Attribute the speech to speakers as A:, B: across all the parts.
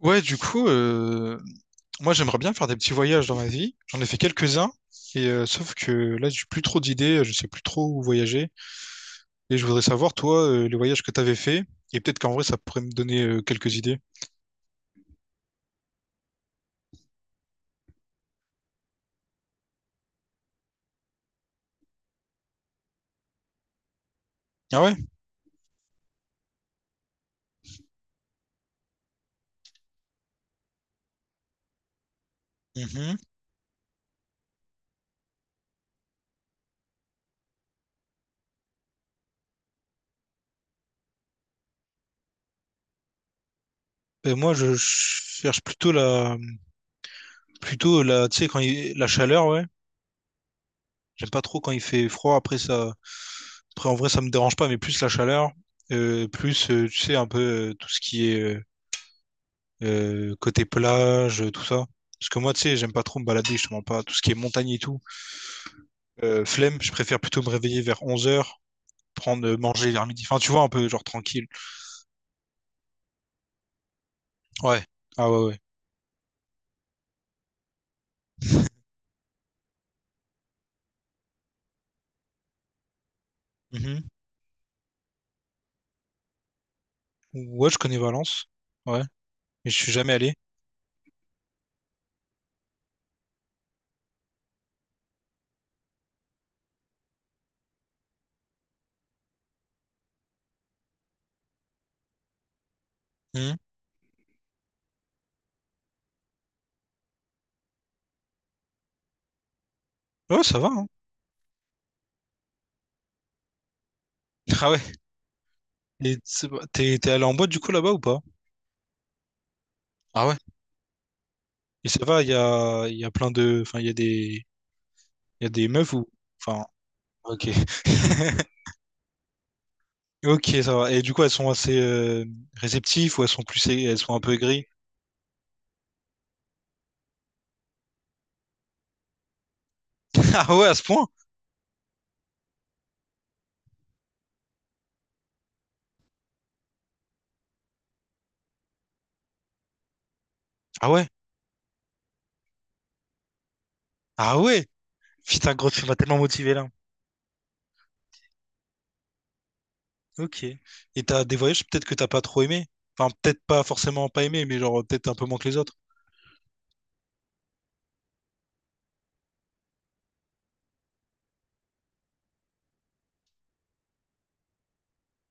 A: Ouais, du coup, moi j'aimerais bien faire des petits voyages dans ma vie. J'en ai fait quelques-uns, sauf que là j'ai plus trop d'idées, je sais plus trop où voyager. Et je voudrais savoir, toi, les voyages que t'avais fait, et peut-être qu'en vrai ça pourrait me donner quelques idées. Ah ouais? Mhm. Ben, moi je cherche plutôt la, tu sais, quand il… la chaleur, ouais. J'aime pas trop quand il fait froid. Après ça, après en vrai ça me dérange pas, mais plus la chaleur, plus tu sais un peu tout ce qui est côté plage, tout ça. Parce que moi, tu sais, j'aime pas trop me balader, je te mens pas. Tout ce qui est montagne et tout, flemme, je préfère plutôt me réveiller vers 11 heures prendre, manger vers midi. Enfin, tu vois, un peu genre tranquille. Ouais. Ah ouais, ouais. Mhm. Ouais, je connais Valence. Ouais. Mais je suis jamais allé. Mhm. Ouais, ça va, hein. Ah ouais. Et t'es allé en boîte du coup là-bas ou pas? Ah ouais. Et ça va, il y a plein de. Enfin, il y a des. Il y a des meufs ou. Enfin, ok. Ok, ça va. Et du coup, elles sont assez réceptives ou elles sont plus, elles sont un peu aigries? Ah ouais, à ce point? Ah ouais? Ah ouais? Putain, gros, tu m'as tellement motivé là. Ok. Et t'as des voyages peut-être que t'as pas trop aimé? Enfin, peut-être pas forcément pas aimé, mais genre peut-être un peu moins que les autres.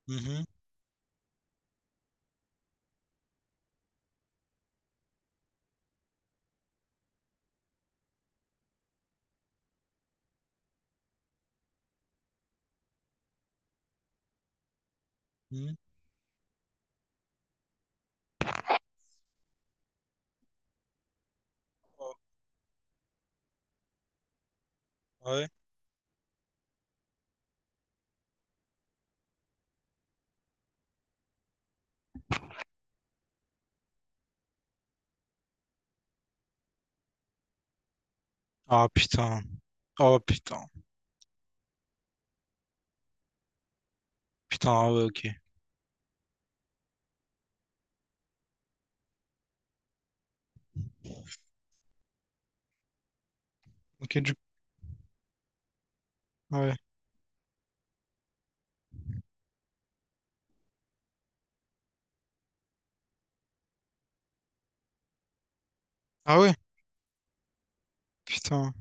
A: Mhm, mhm. Ouais. Ah putain. Oh putain. Putain, ah ouais, ok. Ok, du ouais. Ah ouais, putain.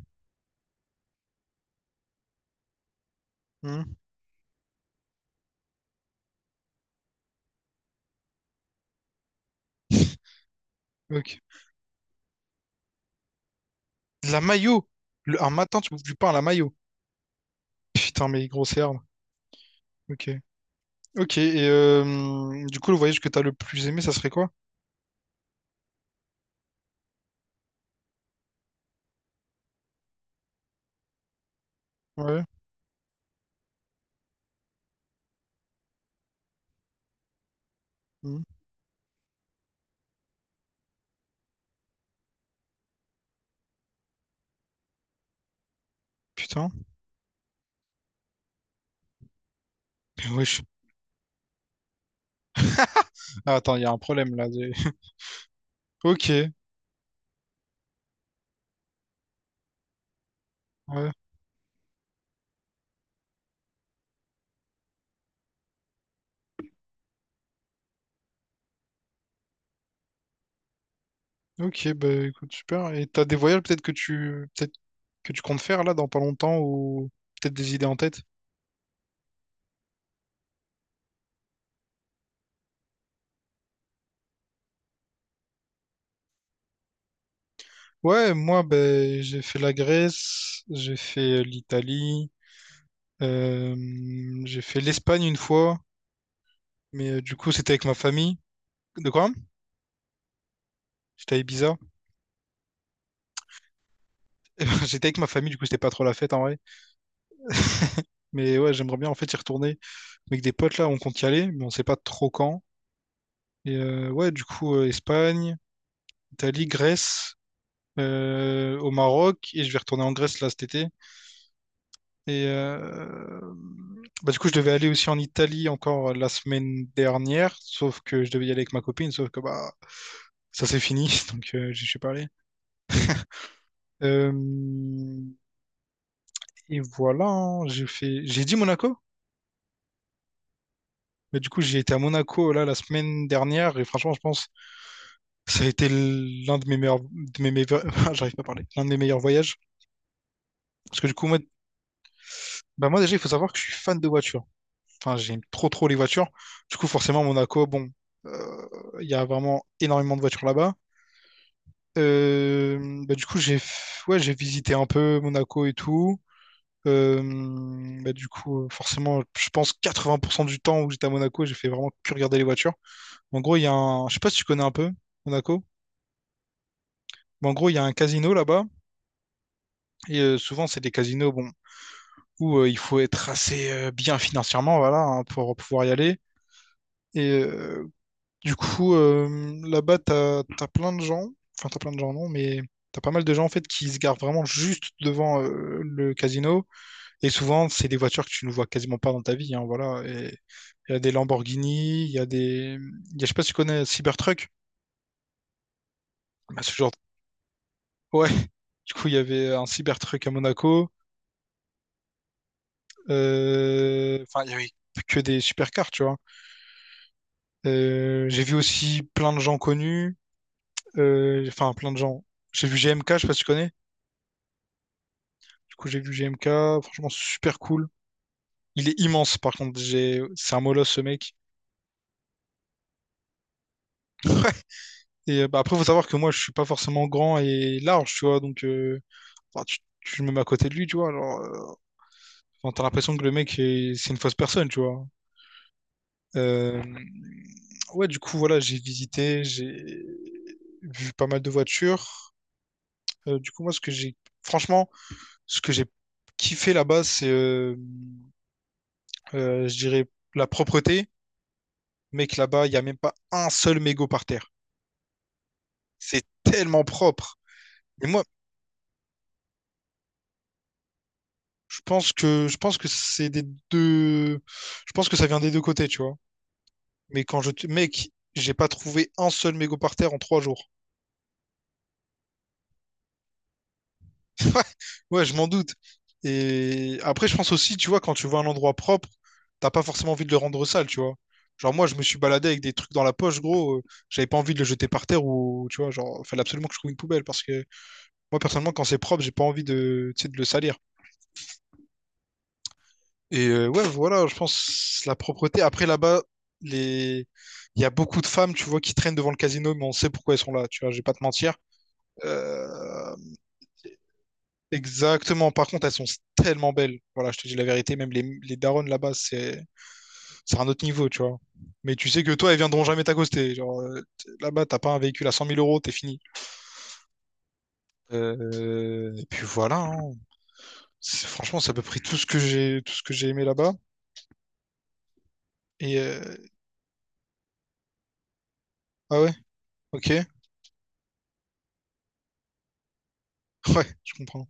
A: Hmm. Ok. De la mayo. Un matin, tu bouffes du pain à la mayo. Putain, mais grosse herbe. Ok. Ok, et du coup, le voyage que t'as le plus aimé, ça serait quoi? Ouais. Hmm. Putain. Mais wesh. Ah, attends, il y a un problème là. Ok. Ouais. Ok, bah écoute, super. Et t'as des voyages peut-être que tu comptes faire là dans pas longtemps ou peut-être des idées en tête? Ouais, moi, ben j'ai fait la Grèce, j'ai fait l'Italie, euh, j'ai fait l'Espagne une fois. Mais du coup, c'était avec ma famille. De quoi? J'étais à Ibiza. J'étais avec ma famille, du coup, c'était pas trop la fête en vrai. Mais ouais, j'aimerais bien en fait y retourner. Avec des potes là, on compte y aller, mais on sait pas trop quand. Et Espagne, Italie, Grèce, au Maroc. Et je vais retourner en Grèce là cet été. Et bah, du coup, je devais aller aussi en Italie encore la semaine dernière. Sauf que je devais y aller avec ma copine, sauf que bah, ça c'est fini. Donc, je suis pas allé. Euh, Et voilà, hein, j'ai fait… J'ai dit Monaco? Mais du coup, j'ai été à Monaco là la semaine dernière et franchement, je pense que ça a été l'un de mes meilleurs, j'arrive pas à parler, l'un de mes meilleurs voyages. Parce que du coup, bah, moi déjà, il faut savoir que je suis fan de voitures. Enfin, j'aime trop trop les voitures. Du coup, forcément, Monaco, bon, euh, il y a vraiment énormément de voitures là-bas. Bah, du coup, ouais, j'ai visité un peu Monaco et tout. Euh, bah, du coup, forcément, je pense 80% du temps où j'étais à Monaco, j'ai fait vraiment que regarder les voitures. En gros, il y a un, je sais pas si tu connais un peu Monaco. Mais en gros, il y a un casino là-bas, et souvent, c'est des casinos bon, où il faut être assez bien financièrement voilà, hein, pour pouvoir y aller. Et du coup, là-bas, t'as plein de gens, enfin, t'as plein de gens, non, mais t'as pas mal de gens en fait qui se garent vraiment juste devant le casino. Et souvent, c'est des voitures que tu ne vois quasiment pas dans ta vie, hein, voilà. Et il y a des Lamborghini, il y a des. Il Y a, je sais pas si tu connais Cybertruck. Bah, ce genre Ouais, du coup, il y avait un Cybertruck à Monaco. Enfin, il y avait que des supercars, tu vois. J'ai vu aussi plein de gens connus. Enfin, plein de gens. J'ai vu GMK je sais pas si tu connais. Du coup, j'ai vu G M K. Franchement, super cool. Il est immense, par contre. J'ai… C'est un molosse, ce mec. Et bah, après, faut savoir que moi, je suis pas forcément grand et large, tu vois. Donc, enfin, tu me mets à côté de lui, tu vois. Alors, enfin, t'as l'impression que c'est une fausse personne, tu vois. Euh, Ouais, du coup, voilà, j'ai visité, j'ai vu pas mal de voitures. Du coup, moi, franchement, ce que j'ai kiffé là-bas, c'est, je dirais, la propreté. Mec, là-bas, il n'y a même pas un seul mégot par terre. C'est tellement propre. Et moi, je pense que c'est des deux, je pense que ça vient des deux côtés, tu vois. Mais mec, j'ai pas trouvé un seul mégot par terre en 3 jours. Ouais, ouais, je m'en doute. Et après, je pense aussi, tu vois, quand tu vois un endroit propre, t'as pas forcément envie de le rendre sale, tu vois. Genre, moi, je me suis baladé avec des trucs dans la poche, gros. J'avais pas envie de le jeter par terre ou, tu vois, genre, fallait absolument que je trouve une poubelle parce que moi, personnellement, quand c'est propre, j'ai pas envie de, tu sais, de le salir. Et ouais, voilà, je pense la propreté. Après, là-bas, les… il y a beaucoup de femmes, tu vois, qui traînent devant le casino, mais on sait pourquoi elles sont là, tu vois, je vais pas te mentir. Euh, Exactement. Par contre, elles sont tellement belles. Voilà, je te dis la vérité. Même les daronnes là-bas, c'est un autre niveau, tu vois. Mais tu sais que toi, elles viendront jamais t'accoster. Genre, là-bas, t'as pas un véhicule à 100 000 euros, t'es fini. Et puis voilà, hein. Franchement, c'est à peu près tout ce que j'ai aimé là-bas. Et ah ouais, ok, ouais, je comprends.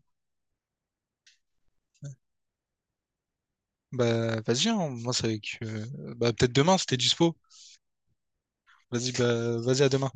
A: Bah vas-y, hein. Moi c'est avec. Bah peut-être demain, c'était dispo. Vas-y, bah vas-y à demain.